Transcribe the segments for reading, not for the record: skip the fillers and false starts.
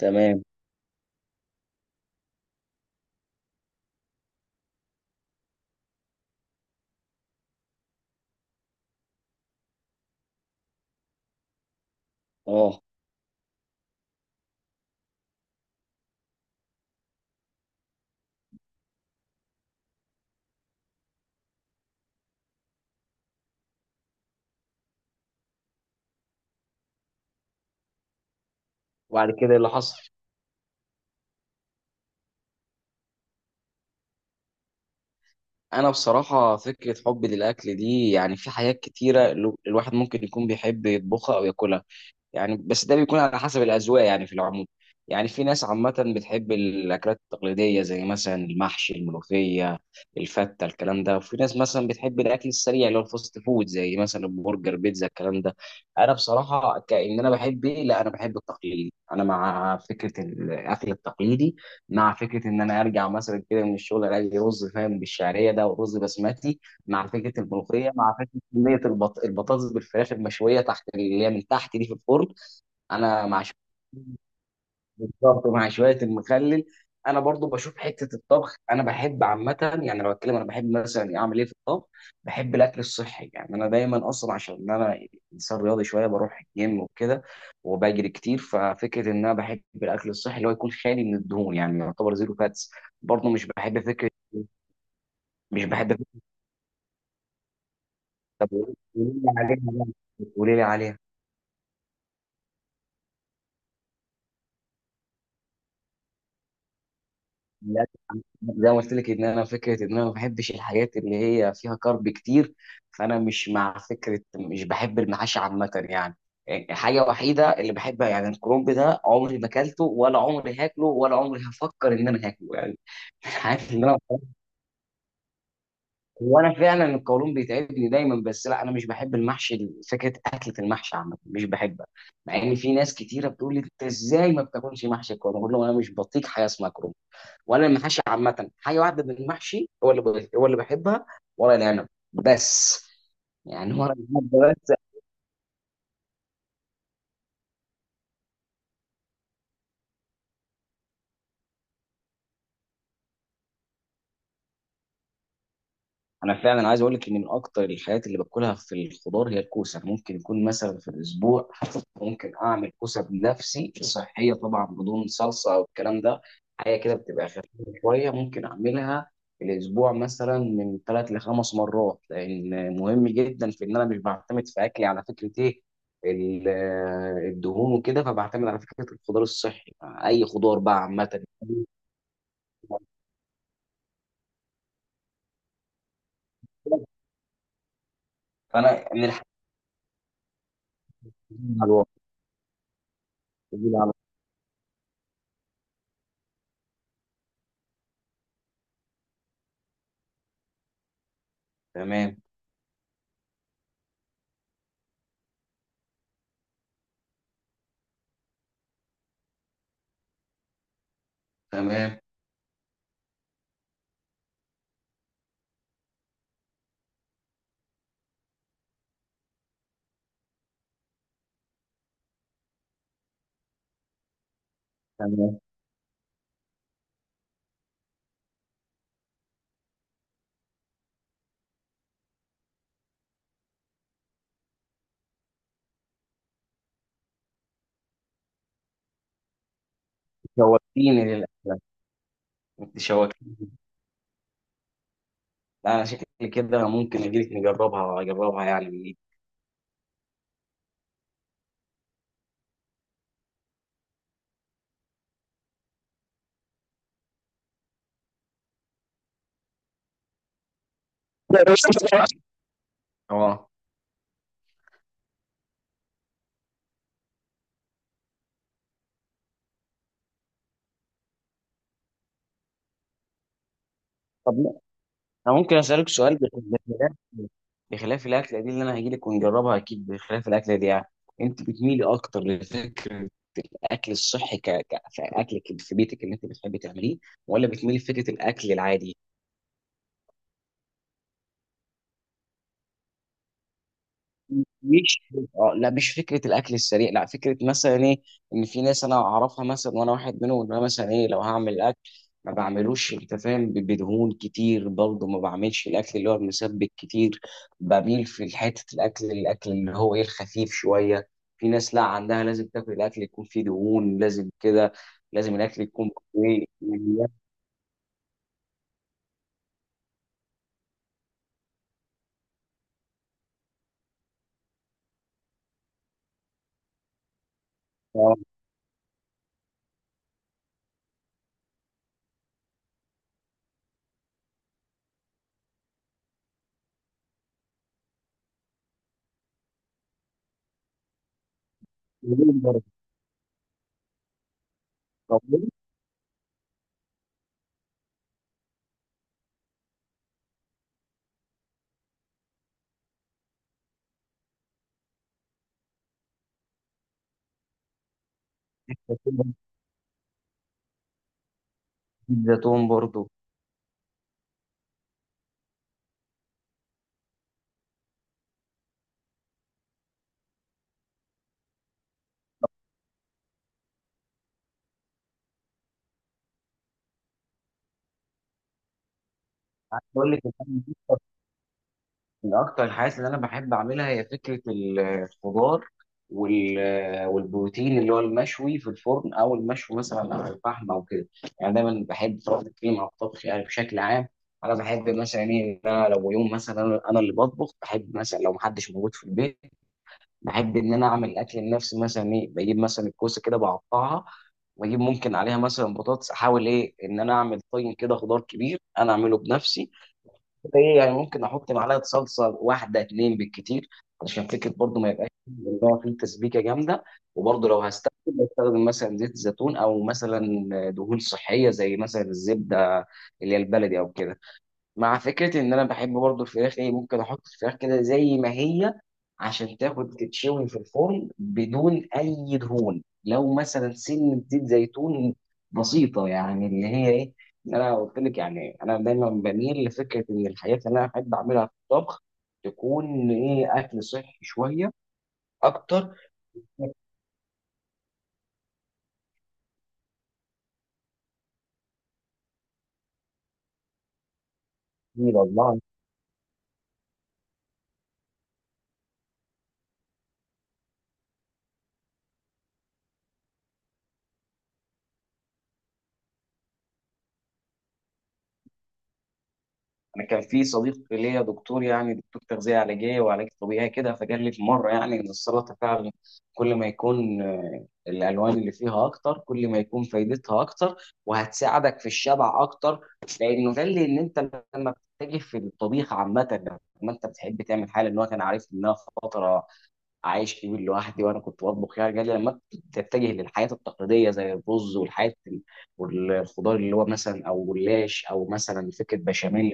تمام. اه، وبعد كده إيه اللي حصل؟ انا بصراحه فكره حبي للاكل دي، يعني في حاجات كتيره الواحد ممكن يكون بيحب يطبخها او ياكلها، يعني بس ده بيكون على حسب الأذواق. يعني في العموم، يعني في ناس عامة بتحب الأكلات التقليدية زي مثلا المحشي، الملوخية، الفتة، الكلام ده. وفي ناس مثلا بتحب الأكل السريع اللي هو الفاست فود زي مثلا برجر، بيتزا، الكلام ده. أنا بصراحة كأن أنا بحب إيه، لا أنا بحب التقليدي. أنا مع فكرة الأكل التقليدي، مع فكرة إن أنا أرجع مثلا كده من الشغل ألاقي رز فاهم بالشعرية ده ورز بسمتي، مع فكرة الملوخية، مع صينيه البطاطس بالفراخ المشويه تحت اللي هي من تحت دي في الفرن. انا مع بالظبط مع شويه المخلل. انا برضو بشوف حته الطبخ انا بحب عامه. يعني لو اتكلم انا بحب مثلا اعمل ايه في الطبخ، بحب الاكل الصحي. يعني انا دايما اصلا عشان انا انسان رياضي شويه، بروح الجيم وكده وبجري كتير. ففكره ان انا بحب الاكل الصحي اللي هو يكون خالي من الدهون، يعني يعتبر زيرو فاتس. برضو مش بحب فكره، مش بحب فكره. طب قولي لي عليها بقى، قولي لي عليها. زي ما قلت لك ان انا فكره ان انا ما بحبش الحاجات اللي هي فيها كارب كتير، فانا مش مع فكره، مش بحب المحاشي عامه يعني. حاجه وحيده اللي بحبها، يعني الكرنب ده عمري ما اكلته ولا عمري هاكله ولا عمري هفكر ان انا هاكله يعني. عارف ان انا وانا فعلا القولون بيتعبني دايما، بس لا انا مش بحب المحشي، فكره اكله المحشي عامه مش بحبها. مع ان في ناس كتيره بتقول لي انت ازاي ما بتاكلش محشي الكرنب، بقول لهم انا مش بطيق حاجه اسمها كرنب. وانا المحاشي عامه، حاجه واحده من المحشي هو اللي هو اللي بحبها، ورق العنب بس. يعني ورق العنب. انا فعلا عايز اقول لك ان من اكتر الحاجات اللي باكلها في الخضار هي الكوسه. ممكن يكون مثلا في الاسبوع، ممكن اعمل كوسه بنفسي صحيه طبعا بدون صلصه او الكلام ده، حاجه كده بتبقى خفيفه شويه ممكن اعملها في الاسبوع مثلا من 3 ل5 مرات. لان مهم جدا في ان انا مش بعتمد في اكلي على فكره ايه ال- الدهون وكده، فبعتمد على فكره الخضار الصحي، اي خضار بقى عامه. فانا من الحاجات دي على الوقت. تمام. تمام. تمام، شوقتيني للأكلة. أنت شوقتيني. لا، أنا شكلي كده ممكن أجيلك نجربها، أجربها يعني من إيدك. أه، طب أنا ممكن أسألك سؤال بخلاف، بخلاف الأكلة دي اللي أنا هجيلك ونجربها أكيد، بخلاف الأكلة دي يعني، أنت بتميلي أكتر لفكرة الأكل الصحي كأكل في بيتك اللي أنت بتحبي تعمليه، ولا بتميلي لفكرة الأكل العادي؟ مش، اه لا مش فكره الاكل السريع، لا فكره مثلا ايه، ان في ناس انا اعرفها مثلا وانا واحد منهم، ان انا مثلا ايه لو هعمل اكل ما بعملوش انت فاهم بدهون كتير، برضه ما بعملش الاكل اللي هو المسبك كتير. بميل في حته الاكل اللي هو ايه الخفيف شويه. في ناس لا عندها لازم تاكل الاكل يكون فيه دهون، لازم كده. لازم الاكل يكون ايه، زيتون برضه. زيتون برضه. بقول لك، من أكتر الحاجات اللي أنا بحب أعملها هي فكرة الخضار والبروتين اللي هو المشوي في الفرن، أو المشوي مثلا على الفحم أو كده. يعني دايما بحب طبخ الكريم أو الطبخ يعني بشكل عام. أنا بحب مثلا إيه إن أنا لو يوم مثلا، أنا اللي بطبخ، بحب مثلا لو محدش موجود في البيت بحب إن أنا أعمل الأكل لنفسي. مثلا إيه، بجيب مثلا الكوسة كده بقطعها، وأجيب ممكن عليها مثلا بطاطس، أحاول إيه إن أنا أعمل طين كده خضار كبير أنا أعمله بنفسي. ايه يعني ممكن احط معلقه صلصه، واحده اتنين بالكتير، علشان فكره برضو ما يبقاش ان هو فيه تسبيكه جامده. وبرضو لو هستخدم، بستخدم مثلا زيت زيتون، او مثلا دهون صحيه زي مثلا الزبده اللي هي البلدي او كده. مع فكرة إن أنا بحب برضو الفراخ إيه، ممكن أحط الفراخ كده زي ما هي عشان تاخد تتشوي في الفرن بدون أي دهون، لو مثلا سنة زيت زيتون بسيطة. يعني اللي هي إيه، إن أنا قلت لك يعني أنا دايما بميل لفكرة إن الحاجات اللي أنا أحب أعملها في الطبخ تكون إيه، أكل صحي شوية أكتر. الله. انا كان في صديق ليا دكتور، يعني دكتور تغذيه علاجيه وعلاج طبيعي كده، فقال لي في مره يعني ان السلطه فعلا كل ما يكون الالوان اللي فيها اكتر كل ما يكون فايدتها اكتر، وهتساعدك في الشبع اكتر. لانه قال لي ان انت لما بتتجه في الطبيخ عامه، لما انت بتحب تعمل حاجه، ان هو كان عارف ان انا فتره عايش كبير لوحدي وانا كنت بطبخ. يعني قال لي لما تتجه للحياه التقليديه زي الرز والحياه والخضار اللي هو مثلا او جلاش او مثلا فكره بشاميل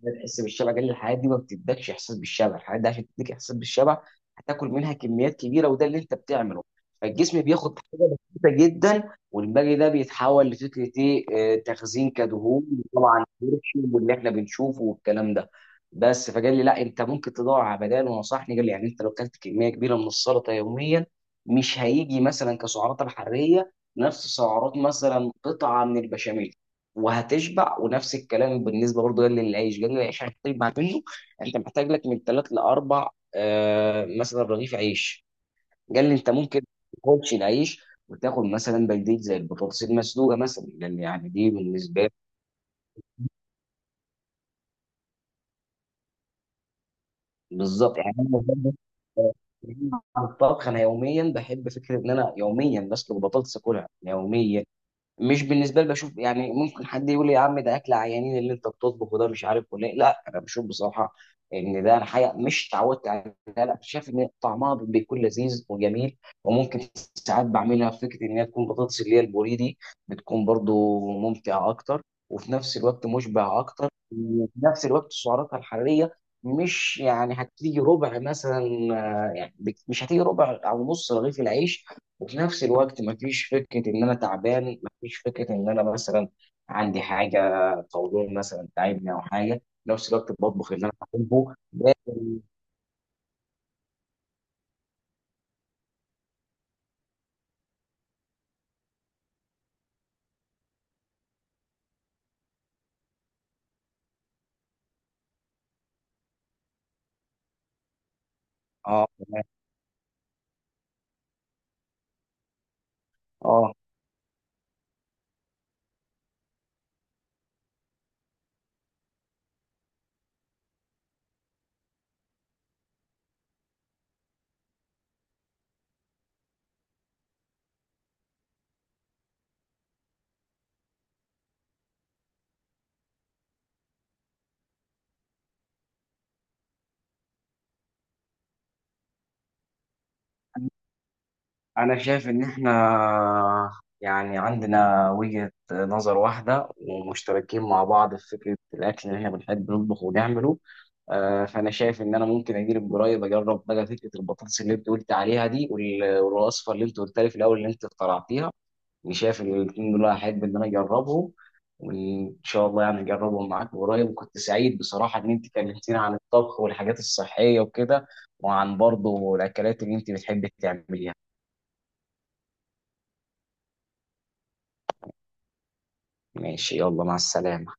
بتحس بالشبع، قال لي الحاجات دي ما بتدكش احساس بالشبع، الحاجات دي عشان تديك احساس بالشبع هتاكل منها كميات كبيره وده اللي انت بتعمله. فالجسم بياخد حاجه بسيطه جدا، والباقي ده بيتحول لفكره ايه، تخزين كدهون. وطبعا كالسيوم واللي احنا بنشوفه والكلام ده. بس فقال لي لا، انت ممكن تدور على بدائل، ونصحني قال لي يعني انت لو اكلت كميه كبيره من السلطه يوميا، مش هيجي مثلا كسعرات الحراريه نفس سعرات مثلا قطعه من البشاميل، وهتشبع. ونفس الكلام بالنسبه برضه جنجل العيش، جنجل العيش عشان تشبع منه انت محتاج لك من 3 ل4 مثلا رغيف عيش. قال لي انت ممكن ما تاكلش العيش وتاخد مثلا بلديه زي البطاطس المسلوقه مثلا لان يعني دي بالنسبه لي بالظبط. يعني انا آه، عن الطبخ انا يوميا بحب فكره ان انا يوميا بسلق بطاطس اكلها يوميا. مش بالنسبه لي بشوف، يعني ممكن حد يقول لي يا عم ده اكل عيانين اللي انت بتطبخه ده مش عارف ولا إيه. لا انا بشوف بصراحه ان ده، انا حاجه مش اتعودت عليها، لا شايف ان طعمها بيكون لذيذ وجميل. وممكن ساعات بعملها في فكره ان هي تكون بطاطس اللي هي البوري دي، بتكون برضو ممتعه اكتر، وفي نفس الوقت مشبع اكتر، وفي نفس الوقت سعراتها الحراريه مش، يعني هتيجي ربع مثلا، يعني مش هتيجي ربع او نص رغيف العيش. وفي نفس الوقت مفيش فكرة إن أنا تعبان، مفيش فكرة إن أنا مثلا عندي حاجة طويلة مثلا تعبني أو حاجة. في نفس الوقت بطبخ اللي أنا بحبه لكن آه تمام. آه، أنا شايف إن إحنا يعني عندنا وجهة نظر واحدة ومشتركين مع بعض في فكرة الأكل اللي إحنا بنحب نطبخه ونعمله. فأنا شايف إن أنا ممكن أجيب قريب أجرب بقى فكرة البطاطس اللي أنت قلت عليها دي والوصفة اللي أنت قلت لي في الأول اللي أنت اخترعتيها. يعني شايف ان الاثنين دول هحب ان انا اجربهم، وان شاء الله يعني اجربهم معاك قريب. وكنت سعيد بصراحه ان انت كلمتيني عن الطبخ والحاجات الصحيه وكده، وعن برضه الاكلات اللي انت بتحبي تعمليها. ماشي، يلا مع السلامه.